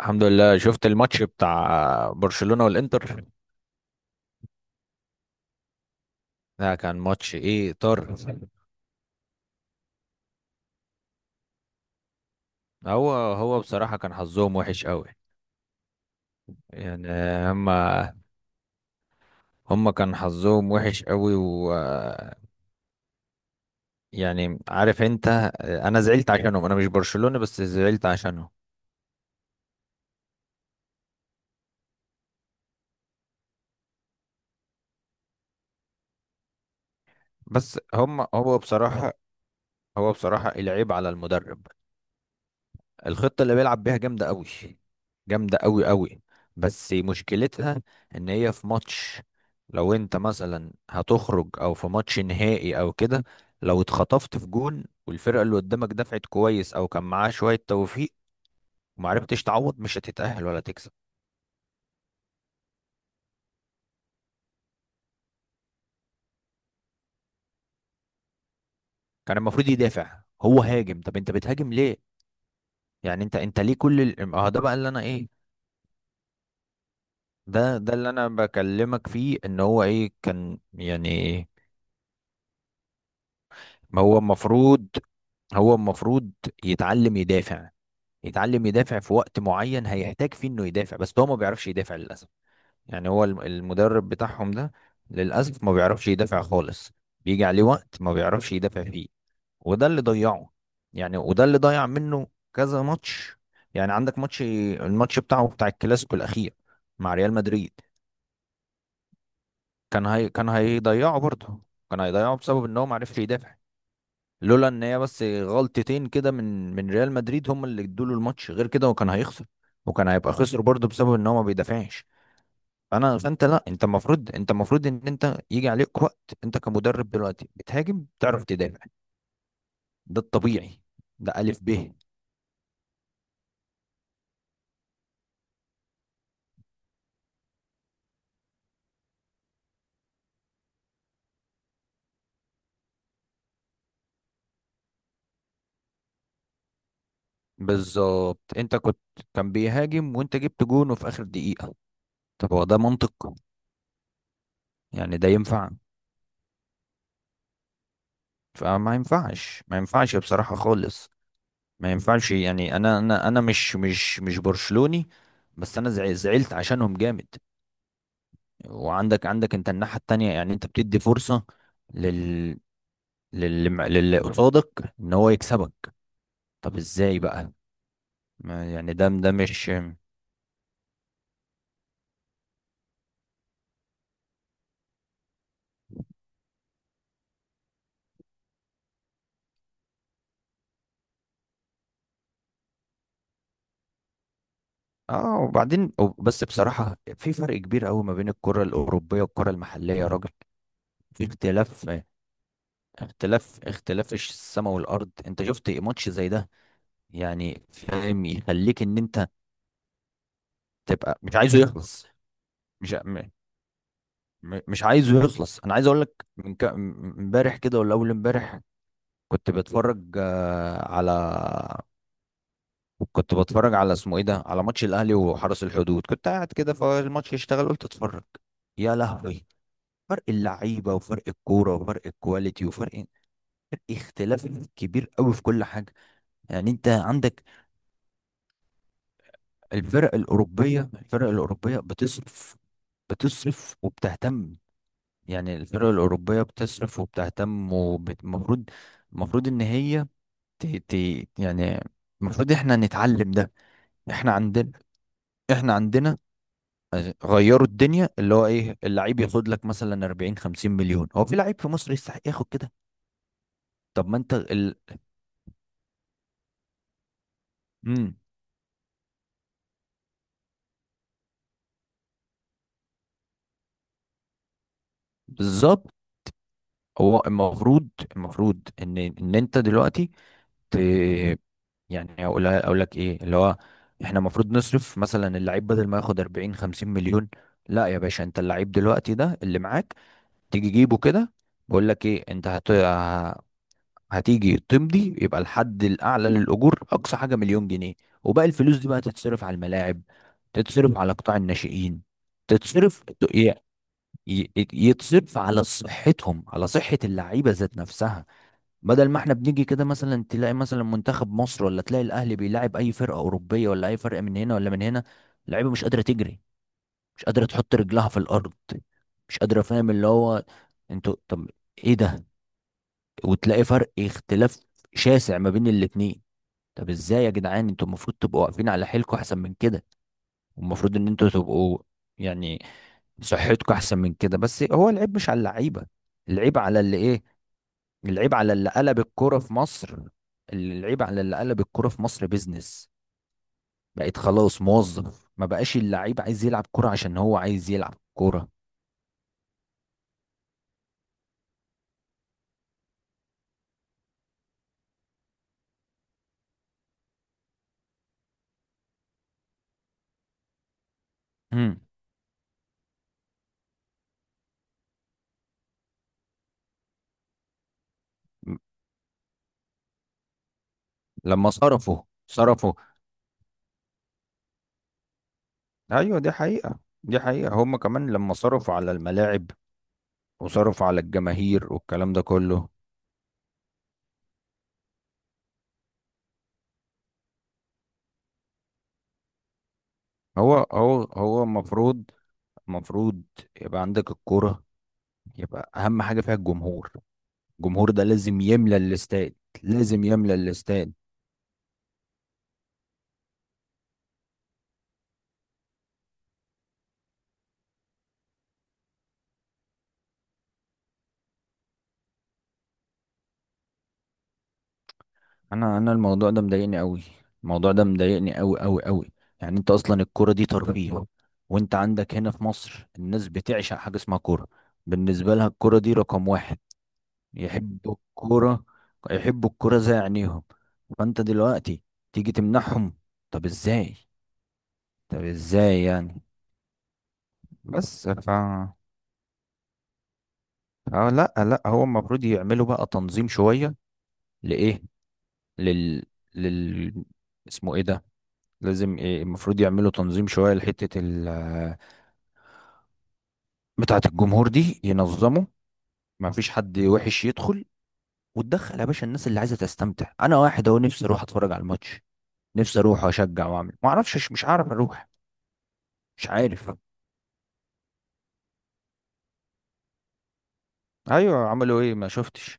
الحمد لله، شفت الماتش بتاع برشلونة والإنتر. ده كان ماتش ايه طار. هو بصراحة كان حظهم وحش قوي. يعني هما هما كان حظهم وحش قوي و... يعني عارف انت، انا زعلت عشانهم، انا مش برشلونة بس زعلت عشانهم. بس هما هو بصراحة، هو بصراحة العيب على المدرب. الخطة اللي بيلعب بيها جامدة قوي، جامدة قوي قوي. بس مشكلتها ان هي في ماتش، لو انت مثلا هتخرج او في ماتش نهائي او كده، لو اتخطفت في جون والفرقة اللي قدامك دفعت كويس او كان معاه شوية توفيق ومعرفتش تعوض، مش هتتأهل ولا تكسب. كان المفروض يدافع، هو هاجم. طب انت بتهاجم ليه؟ يعني انت ليه كل ال... اه ده بقى اللي انا ايه، ده اللي انا بكلمك فيه ان هو ايه كان يعني. ما هو المفروض، هو المفروض يتعلم يدافع. يتعلم يدافع في وقت معين هيحتاج فيه انه يدافع، بس هو ما بيعرفش يدافع للاسف. يعني هو المدرب بتاعهم ده للاسف ما بيعرفش يدافع خالص. بيجي عليه وقت ما بيعرفش يدافع فيه، وده اللي ضيعه. يعني وده اللي ضيع منه كذا ماتش. يعني عندك ماتش، الماتش بتاعه بتاع الكلاسيكو الاخير مع ريال مدريد. كان هي كان هيضيعه برضه، كان هيضيعه بسبب ان هو ما عرفش يدافع. لولا ان هي بس غلطتين كده من ريال مدريد هم اللي ادوا له الماتش، غير كده وكان هيخسر. وكان هيبقى خسر برضه بسبب ان هو ما بيدافعش. فانت لا، انت المفروض، انت المفروض ان انت يجي عليك وقت انت كمدرب دلوقتي بتهاجم تعرف تدافع. ده الطبيعي، ده الف ب. بالظبط انت كنت، كان بيهاجم وانت جبت جون وفي اخر دقيقة. طب هو ده منطق؟ يعني ده ينفع؟ فما ينفعش، ما ينفعش بصراحة خالص ما ينفعش. يعني انا مش برشلوني، بس انا زعلت عشانهم جامد. وعندك انت الناحية التانية. يعني انت بتدي فرصة لل لل للي قصادك ان هو يكسبك. طب ازاي بقى؟ ما يعني ده مش... اه وبعدين، بس بصراحة في فرق كبير قوي ما بين الكرة الأوروبية والكرة المحلية يا راجل. في اختلاف، اختلاف السماء والأرض. انت شفت ماتش زي ده، يعني فاهم، يخليك ان انت تبقى مش عايزه يخلص. مش م- م- مش عايزه يخلص. انا عايز اقول لك من امبارح كده ولا اول امبارح كنت بتفرج على، كنت بتفرج على اسمه ايه ده، على ماتش الاهلي وحرس الحدود. كنت قاعد كده فالماتش يشتغل، قلت اتفرج. يا لهوي، فرق اللعيبه وفرق الكوره وفرق الكواليتي وفرق، اختلاف كبير قوي في كل حاجه. يعني انت عندك الفرق الاوروبيه بتصرف، بتصرف وبتهتم. يعني الفرق الأوروبية بتصرف وبتهتم، ومفروض، المفروض إن هي ت... ت... يعني المفروض إحنا نتعلم ده. إحنا عندنا إحنا عندنا غيروا الدنيا. اللي هو إيه، اللعيب ياخد لك مثلا 40 50 مليون. هو في لعيب في مصر يستحق ياخد كده؟ طب ما أنت مم. بالظبط، هو المفروض، المفروض إن إن أنت دلوقتي ت... يعني اقول لك ايه اللي هو، احنا المفروض نصرف مثلا اللعيب بدل ما ياخد 40 50 مليون. لا يا باشا، انت اللعيب دلوقتي ده اللي معاك تيجي جيبه كده، بقول لك ايه، انت هتيجي تمضي يبقى الحد الاعلى للاجور اقصى حاجه مليون جنيه. وباقي الفلوس دي بقى تتصرف على الملاعب، تتصرف على قطاع الناشئين، تتصرف، ي... يتصرف على صحتهم، على صحه اللعيبه ذات نفسها. بدل ما احنا بنيجي كده مثلا تلاقي مثلا منتخب مصر ولا تلاقي الاهلي بيلاعب اي فرقه اوروبيه ولا اي فرقه من هنا ولا من هنا، اللعيبه مش قادره تجري، مش قادره تحط رجلها في الارض، مش قادره. فاهم اللي هو، انتوا طب ايه ده؟ وتلاقي فرق اختلاف شاسع ما بين الاتنين. طب ازاي يا جدعان، انتوا المفروض تبقوا واقفين على حيلكوا احسن من كده، والمفروض ان انتوا تبقوا يعني صحتكوا احسن من كده. بس هو العيب مش على اللعيبه، العيب على اللي ايه، العيب على اللي قلب الكوره في مصر، العيب على اللي قلب الكوره في مصر بيزنس. بقيت خلاص موظف، ما بقاش اللعيب عايز يلعب كوره عشان هو عايز يلعب كوره. مم. لما صرفوا صرفوا ايوه، دي حقيقة، دي حقيقة. هم كمان لما صرفوا على الملاعب وصرفوا على الجماهير والكلام ده كله. هو المفروض، المفروض يبقى عندك الكورة، يبقى أهم حاجة فيها الجمهور. الجمهور ده لازم يملى الاستاد، لازم يملى الاستاد. انا الموضوع ده مضايقني قوي، الموضوع ده مضايقني قوي قوي قوي. يعني انت اصلا الكوره دي ترفيه، وانت عندك هنا في مصر الناس بتعشق حاجه اسمها كوره. بالنسبه لها الكوره دي رقم واحد، يحبوا الكوره، يحبوا الكوره زي عينيهم. فانت دلوقتي تيجي تمنعهم؟ طب ازاي؟ طب ازاي يعني؟ بس اه لا لا هو المفروض يعملوا بقى تنظيم شويه. لايه لل لل اسمه ايه ده، لازم إيه المفروض يعملوا تنظيم شوية بتاعة الجمهور دي، ينظموا ما فيش حد وحش يدخل، وتدخل يا باشا الناس اللي عايزة تستمتع. أنا واحد أهو، نفسي أروح أتفرج على الماتش، نفسي أروح وأشجع وأعمل، ما أعرفش، مش عارف أروح، مش عارف. أيوه عملوا إيه؟ ما شفتش.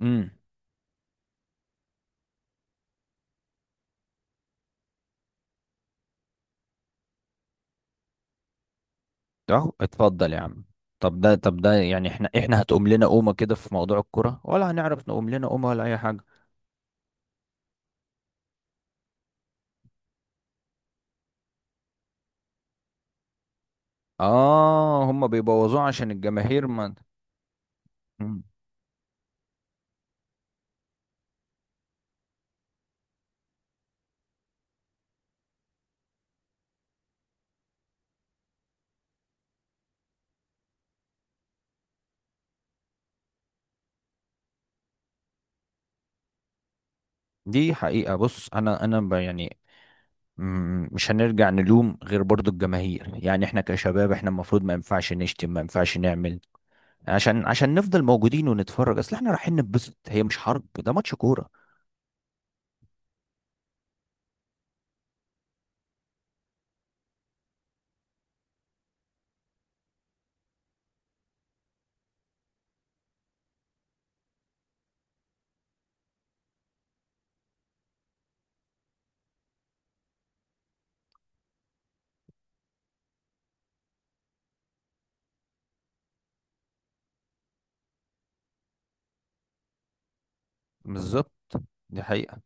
امم أهو اتفضل يا عم. طب ده، طب ده يعني، احنا هتقوم لنا قومة كده في موضوع الكرة ولا هنعرف نقوم لنا قومة ولا أي حاجة؟ آه، هما بيبوظوه عشان الجماهير ما. مم. دي حقيقة. بص يعني مش هنرجع نلوم غير برضو الجماهير. يعني احنا كشباب، احنا المفروض ما ينفعش نشتم، ما ينفعش نعمل، عشان، عشان نفضل موجودين ونتفرج. اصل احنا رايحين نتبسط، هي مش حرب، ده ماتش كورة. بالظبط، دي حقيقة.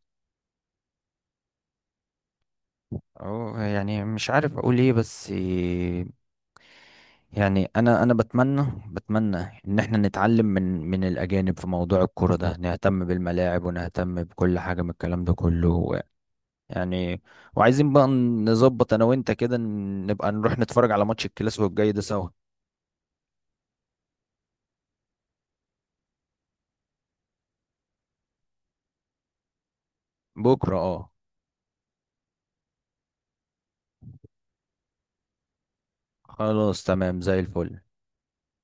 اه يعني مش عارف اقول ايه، بس يعني انا بتمنى، بتمنى ان احنا نتعلم من الاجانب في موضوع الكورة ده، نهتم بالملاعب ونهتم بكل حاجة من الكلام ده كله. يعني وعايزين بقى نظبط انا وانت كده، نبقى نروح نتفرج على ماتش الكلاسيكو الجاي ده سوا. بكرة اه، خلاص تمام زي الفل.